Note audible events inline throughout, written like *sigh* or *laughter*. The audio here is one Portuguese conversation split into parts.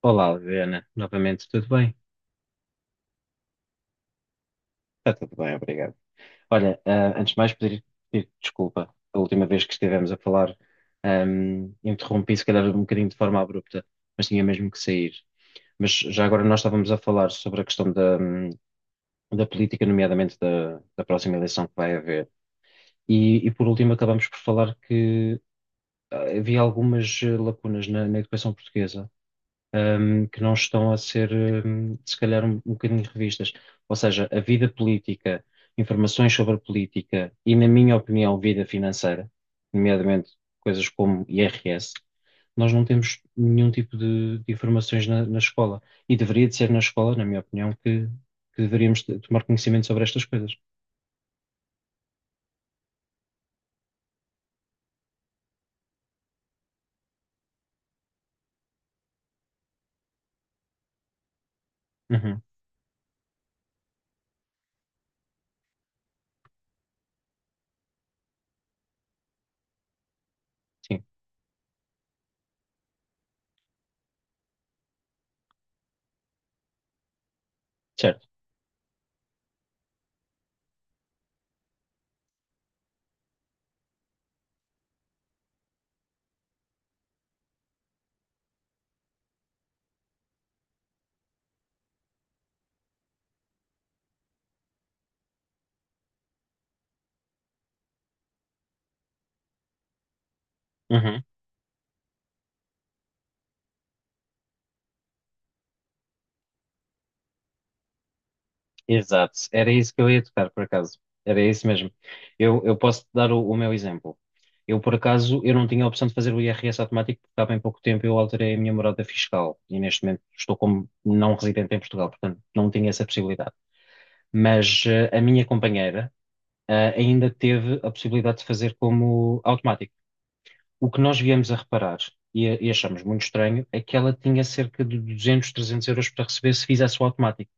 Olá, Adriana. Novamente, tudo bem? Está tudo bem, obrigado. Olha, antes de mais, pedir desculpa. A última vez que estivemos a falar, interrompi, se calhar, um bocadinho de forma abrupta, mas tinha mesmo que sair. Mas já agora nós estávamos a falar sobre a questão da política, nomeadamente da próxima eleição que vai haver. Por último, acabamos por falar que havia algumas lacunas na educação portuguesa, que não estão a ser, se calhar, um bocadinho revistas. Ou seja, a vida política, informações sobre a política e, na minha opinião, vida financeira, nomeadamente coisas como IRS. Nós não temos nenhum tipo de informações na escola. E deveria de ser na escola, na minha opinião, que tomar conhecimento sobre estas coisas. Uhum. Sim. Certo. Uhum. Exato, era isso que eu ia tocar, por acaso. Era isso mesmo. Eu posso te dar o meu exemplo. Eu, por acaso, eu não tinha a opção de fazer o IRS automático, porque há bem pouco tempo eu alterei a minha morada fiscal e neste momento estou como não residente em Portugal, portanto não tinha essa possibilidade. Mas a minha companheira ainda teve a possibilidade de fazer como automático. O que nós viemos a reparar e achamos muito estranho é que ela tinha cerca de 200, 300€ para receber se fizesse o automático.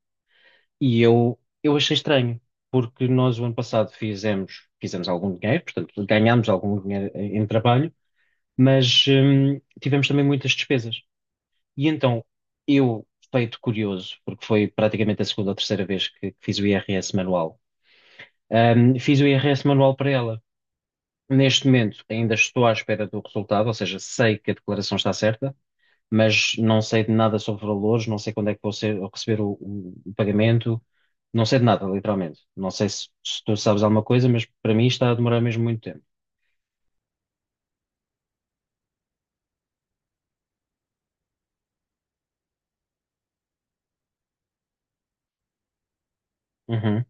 E eu achei estranho, porque nós o ano passado fizemos algum dinheiro, portanto, ganhámos algum dinheiro em trabalho, mas tivemos também muitas despesas. E então, eu, feito curioso, porque foi praticamente a segunda ou terceira vez que fiz o IRS manual. Fiz o IRS manual para ela. Neste momento, ainda estou à espera do resultado, ou seja, sei que a declaração está certa, mas não sei de nada sobre valores, não sei quando é que vou receber o pagamento, não sei de nada, literalmente. Não sei se tu sabes alguma coisa, mas para mim está a demorar mesmo muito tempo. Uhum.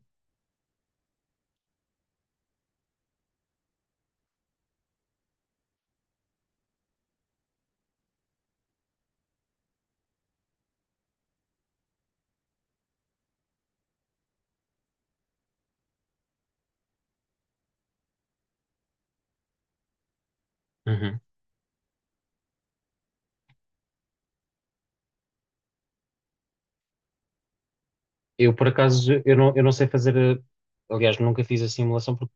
Uhum. Eu, por acaso, eu não sei fazer, aliás, nunca fiz a simulação, porque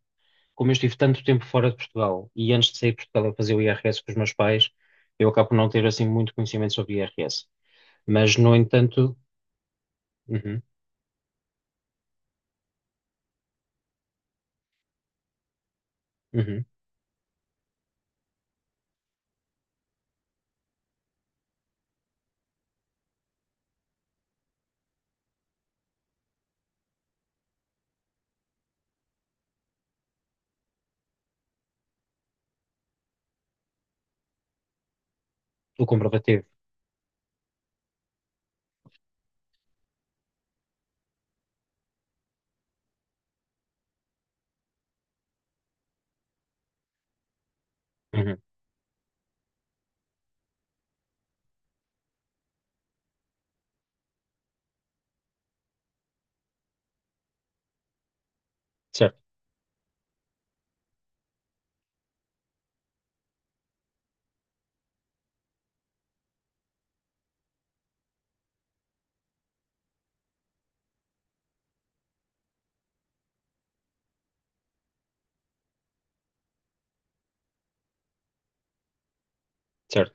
como eu estive tanto tempo fora de Portugal e antes de sair de Portugal eu fazia o IRS com os meus pais, eu acabo por não ter assim muito conhecimento sobre IRS. Mas, no entanto, uhum. Uhum. O comprovativo. Uhum. Certo. Certo.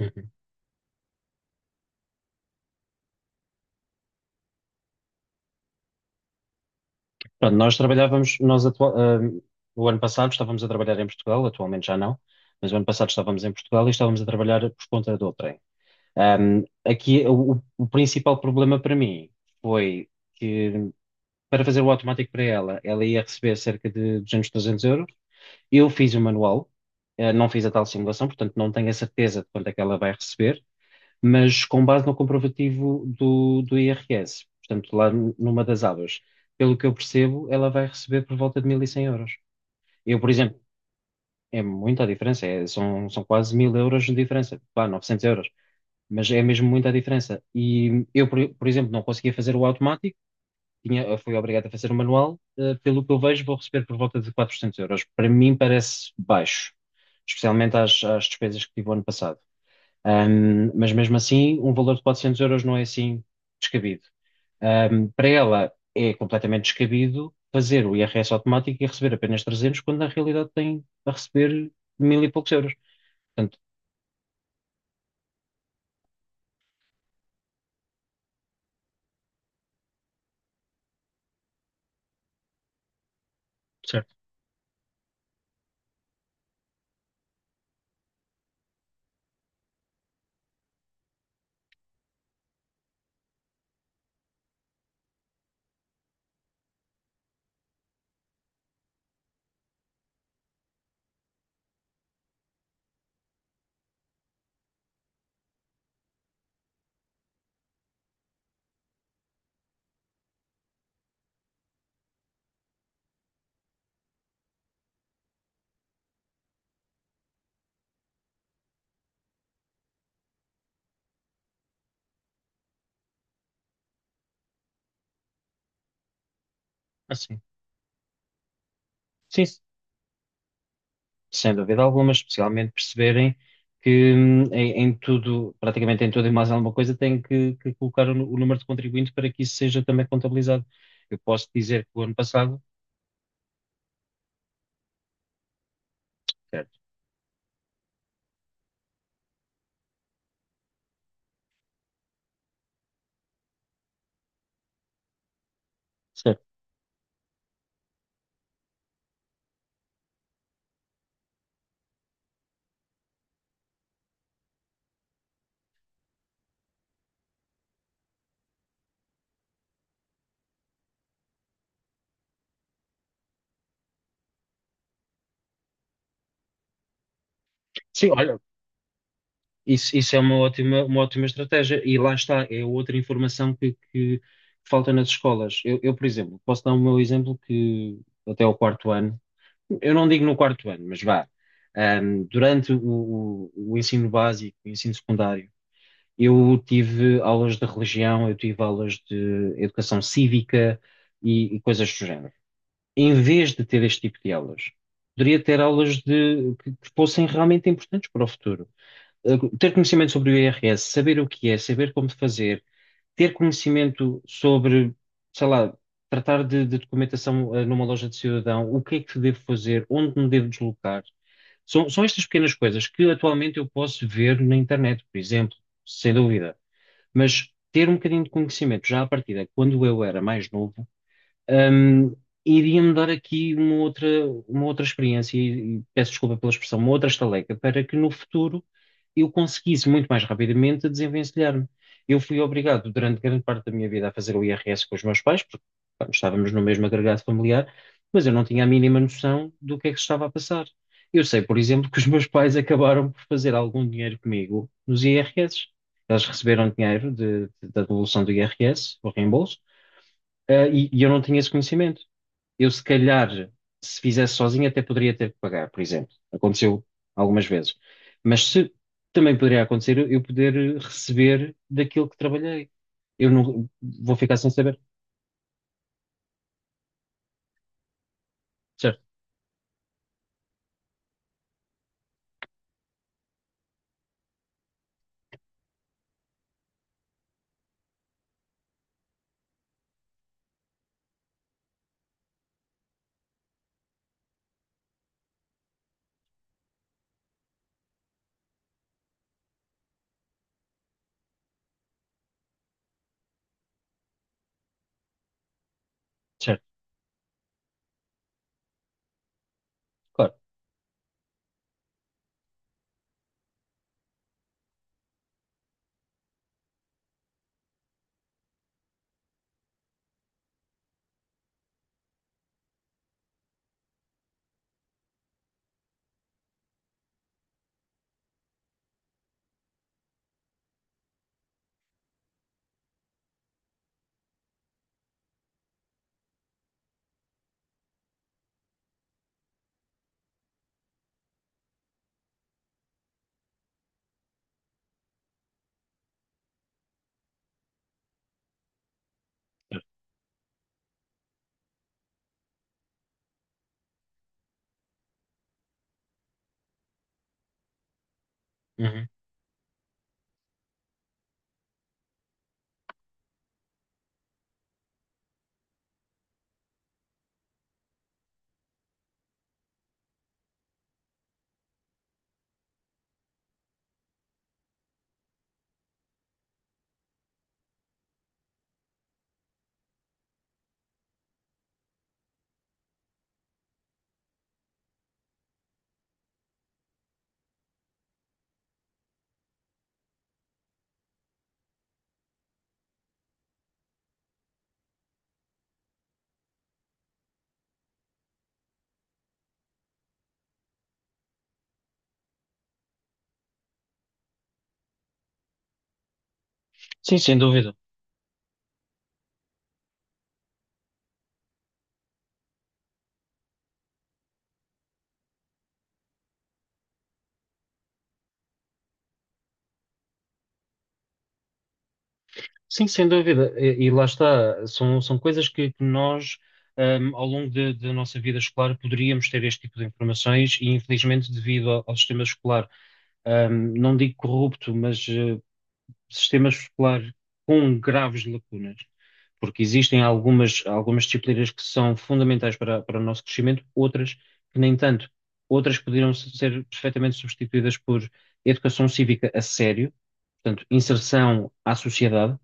Uhum. Pronto, nós trabalhávamos, o ano passado estávamos a trabalhar em Portugal, atualmente já não, mas o ano passado estávamos em Portugal e estávamos a trabalhar por conta de outrem. Aqui o principal problema para mim foi que para fazer o automático para ela, ela ia receber cerca de 200, 300€. Eu fiz o manual, não fiz a tal simulação, portanto não tenho a certeza de quanto é que ela vai receber, mas com base no comprovativo do IRS, portanto, lá numa das abas. Pelo que eu percebo, ela vai receber por volta de 1.100 euros. Eu, por exemplo, é muita a diferença, são, são quase 1.000 euros de diferença, pá, 900 euros, mas é mesmo muita a diferença. E eu, por exemplo, não conseguia fazer o automático, fui obrigado a fazer o manual. Pelo que eu vejo, vou receber por volta de 400 euros. Para mim parece baixo, especialmente às despesas que tive o ano passado. Mas mesmo assim, um valor de 400€ não é assim descabido. Para ela é completamente descabido fazer o IRS automático e receber apenas 300, quando na realidade tem a receber mil e poucos euros. Portanto. Certo. Assim. Sim, sem dúvida alguma, mas especialmente perceberem que, em tudo, praticamente em tudo e mais alguma coisa, tem que colocar o número de contribuinte para que isso seja também contabilizado. Eu posso dizer que o ano passado... Certo. Certo. Sim, olha, isso é uma ótima estratégia. E lá está, é outra informação que falta nas escolas. Por exemplo, posso dar o meu exemplo que até o quarto ano, eu não digo no quarto ano, mas vá, durante o ensino básico, o ensino secundário, eu tive aulas de religião, eu tive aulas de educação cívica e coisas do género. Em vez de ter este tipo de aulas, poderia ter aulas de, que fossem realmente importantes para o futuro. Ter conhecimento sobre o IRS, saber o que é, saber como fazer, ter conhecimento sobre, sei lá, tratar de documentação, numa loja de cidadão, o que é que devo fazer, onde me devo deslocar. São estas pequenas coisas que atualmente eu posso ver na internet, por exemplo, sem dúvida. Mas ter um bocadinho de conhecimento já à partida, quando eu era mais novo, um, iria-me dar aqui uma outra experiência, e peço desculpa pela expressão, uma outra estaleca, para que no futuro eu conseguisse muito mais rapidamente desenvencilhar-me. Eu fui obrigado durante grande parte da minha vida a fazer o IRS com os meus pais, porque pá, estávamos no mesmo agregado familiar, mas eu não tinha a mínima noção do que é que se estava a passar. Eu sei, por exemplo, que os meus pais acabaram por fazer algum dinheiro comigo nos IRS. Eles receberam dinheiro da devolução do IRS, o reembolso. E eu não tinha esse conhecimento. Eu, se calhar, se fizesse sozinho, até poderia ter que pagar, por exemplo. Aconteceu algumas vezes. Mas se também poderia acontecer eu poder receber daquilo que trabalhei. Eu não vou ficar sem saber. Certo. Certo. Claro. Certo. Uhum. Sim, sem dúvida. Sim, sem dúvida. E lá está, são, são coisas que nós, ao longo da nossa vida escolar, poderíamos ter este tipo de informações e, infelizmente, devido ao sistema escolar, não digo corrupto, mas sistema escolar com graves lacunas, porque existem algumas, algumas disciplinas que são fundamentais para o nosso crescimento, outras que nem tanto. Outras poderiam ser perfeitamente substituídas por educação cívica a sério, portanto, inserção à sociedade,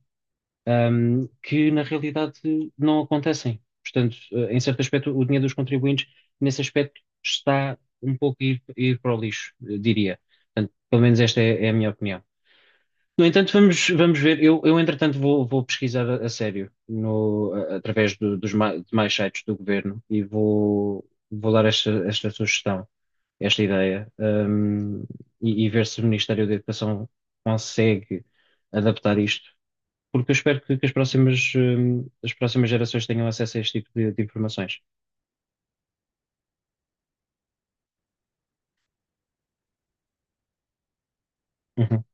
que na realidade não acontecem. Portanto, em certo aspecto, o dinheiro dos contribuintes, nesse aspecto, está um pouco a ir para o lixo, eu diria. Portanto, pelo menos esta é a minha opinião. No entanto, vamos ver. Entretanto, vou pesquisar a sério no, a- através do- dos ma- demais sites do governo e vou dar esta, esta sugestão, esta ideia, e ver se o Ministério da Educação consegue adaptar isto, porque eu espero que as próximas gerações tenham acesso a este tipo de informações. Uhum.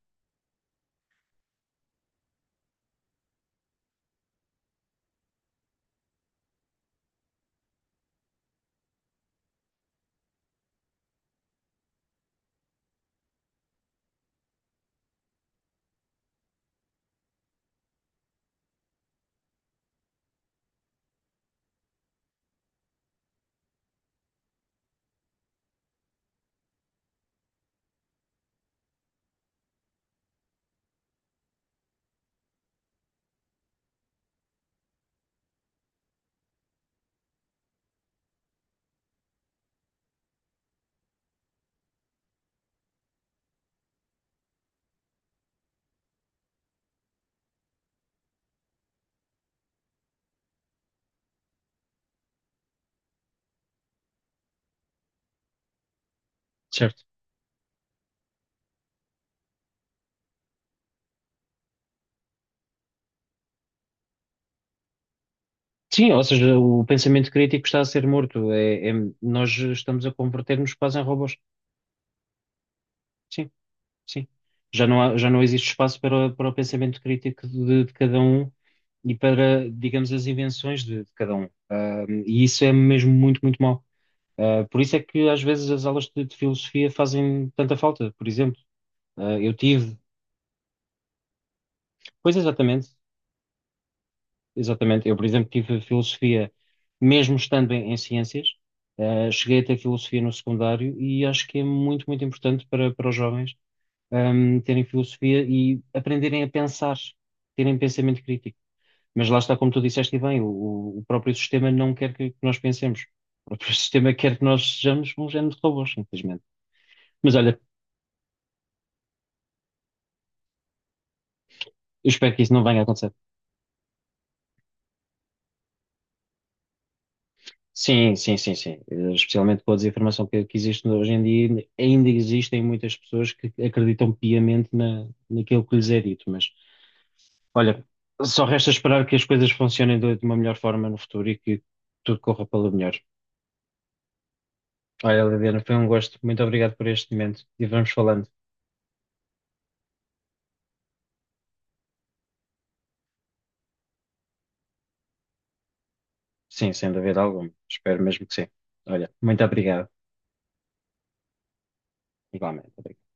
Certo. Sim, ou seja, o pensamento crítico está a ser morto. Nós estamos a converter-nos quase em robôs. Sim. Sim. Já já não existe espaço para, para o pensamento crítico de cada um e para, digamos, as invenções de cada um. E isso é mesmo muito, muito mau. Por isso é que às vezes as aulas de filosofia fazem tanta falta, por exemplo. Eu tive... Pois, exatamente. Exatamente. Eu, por exemplo, tive filosofia, mesmo estando em ciências. Cheguei a ter filosofia no secundário e acho que é muito, muito importante para os jovens, terem filosofia e aprenderem a pensar, terem pensamento crítico. Mas lá está, como tu disseste e bem, o próprio sistema não quer que nós pensemos. O próprio *laughs* sistema quer que nós sejamos um género de robôs, simplesmente. Mas olha, eu espero que isso não venha a acontecer. Sim, sim, sim, sim. Especialmente com a desinformação que existe hoje em dia, ainda existem muitas pessoas que acreditam piamente naquilo que lhes é dito. Mas, olha, só resta esperar que as coisas funcionem de uma melhor forma no futuro e que tudo corra pelo melhor. Olha, Liliana, foi um gosto. Muito obrigado por este momento e vamos falando. Sim, sem dúvida alguma. Espero mesmo que sim. Olha, muito obrigado. Igualmente. Obrigado.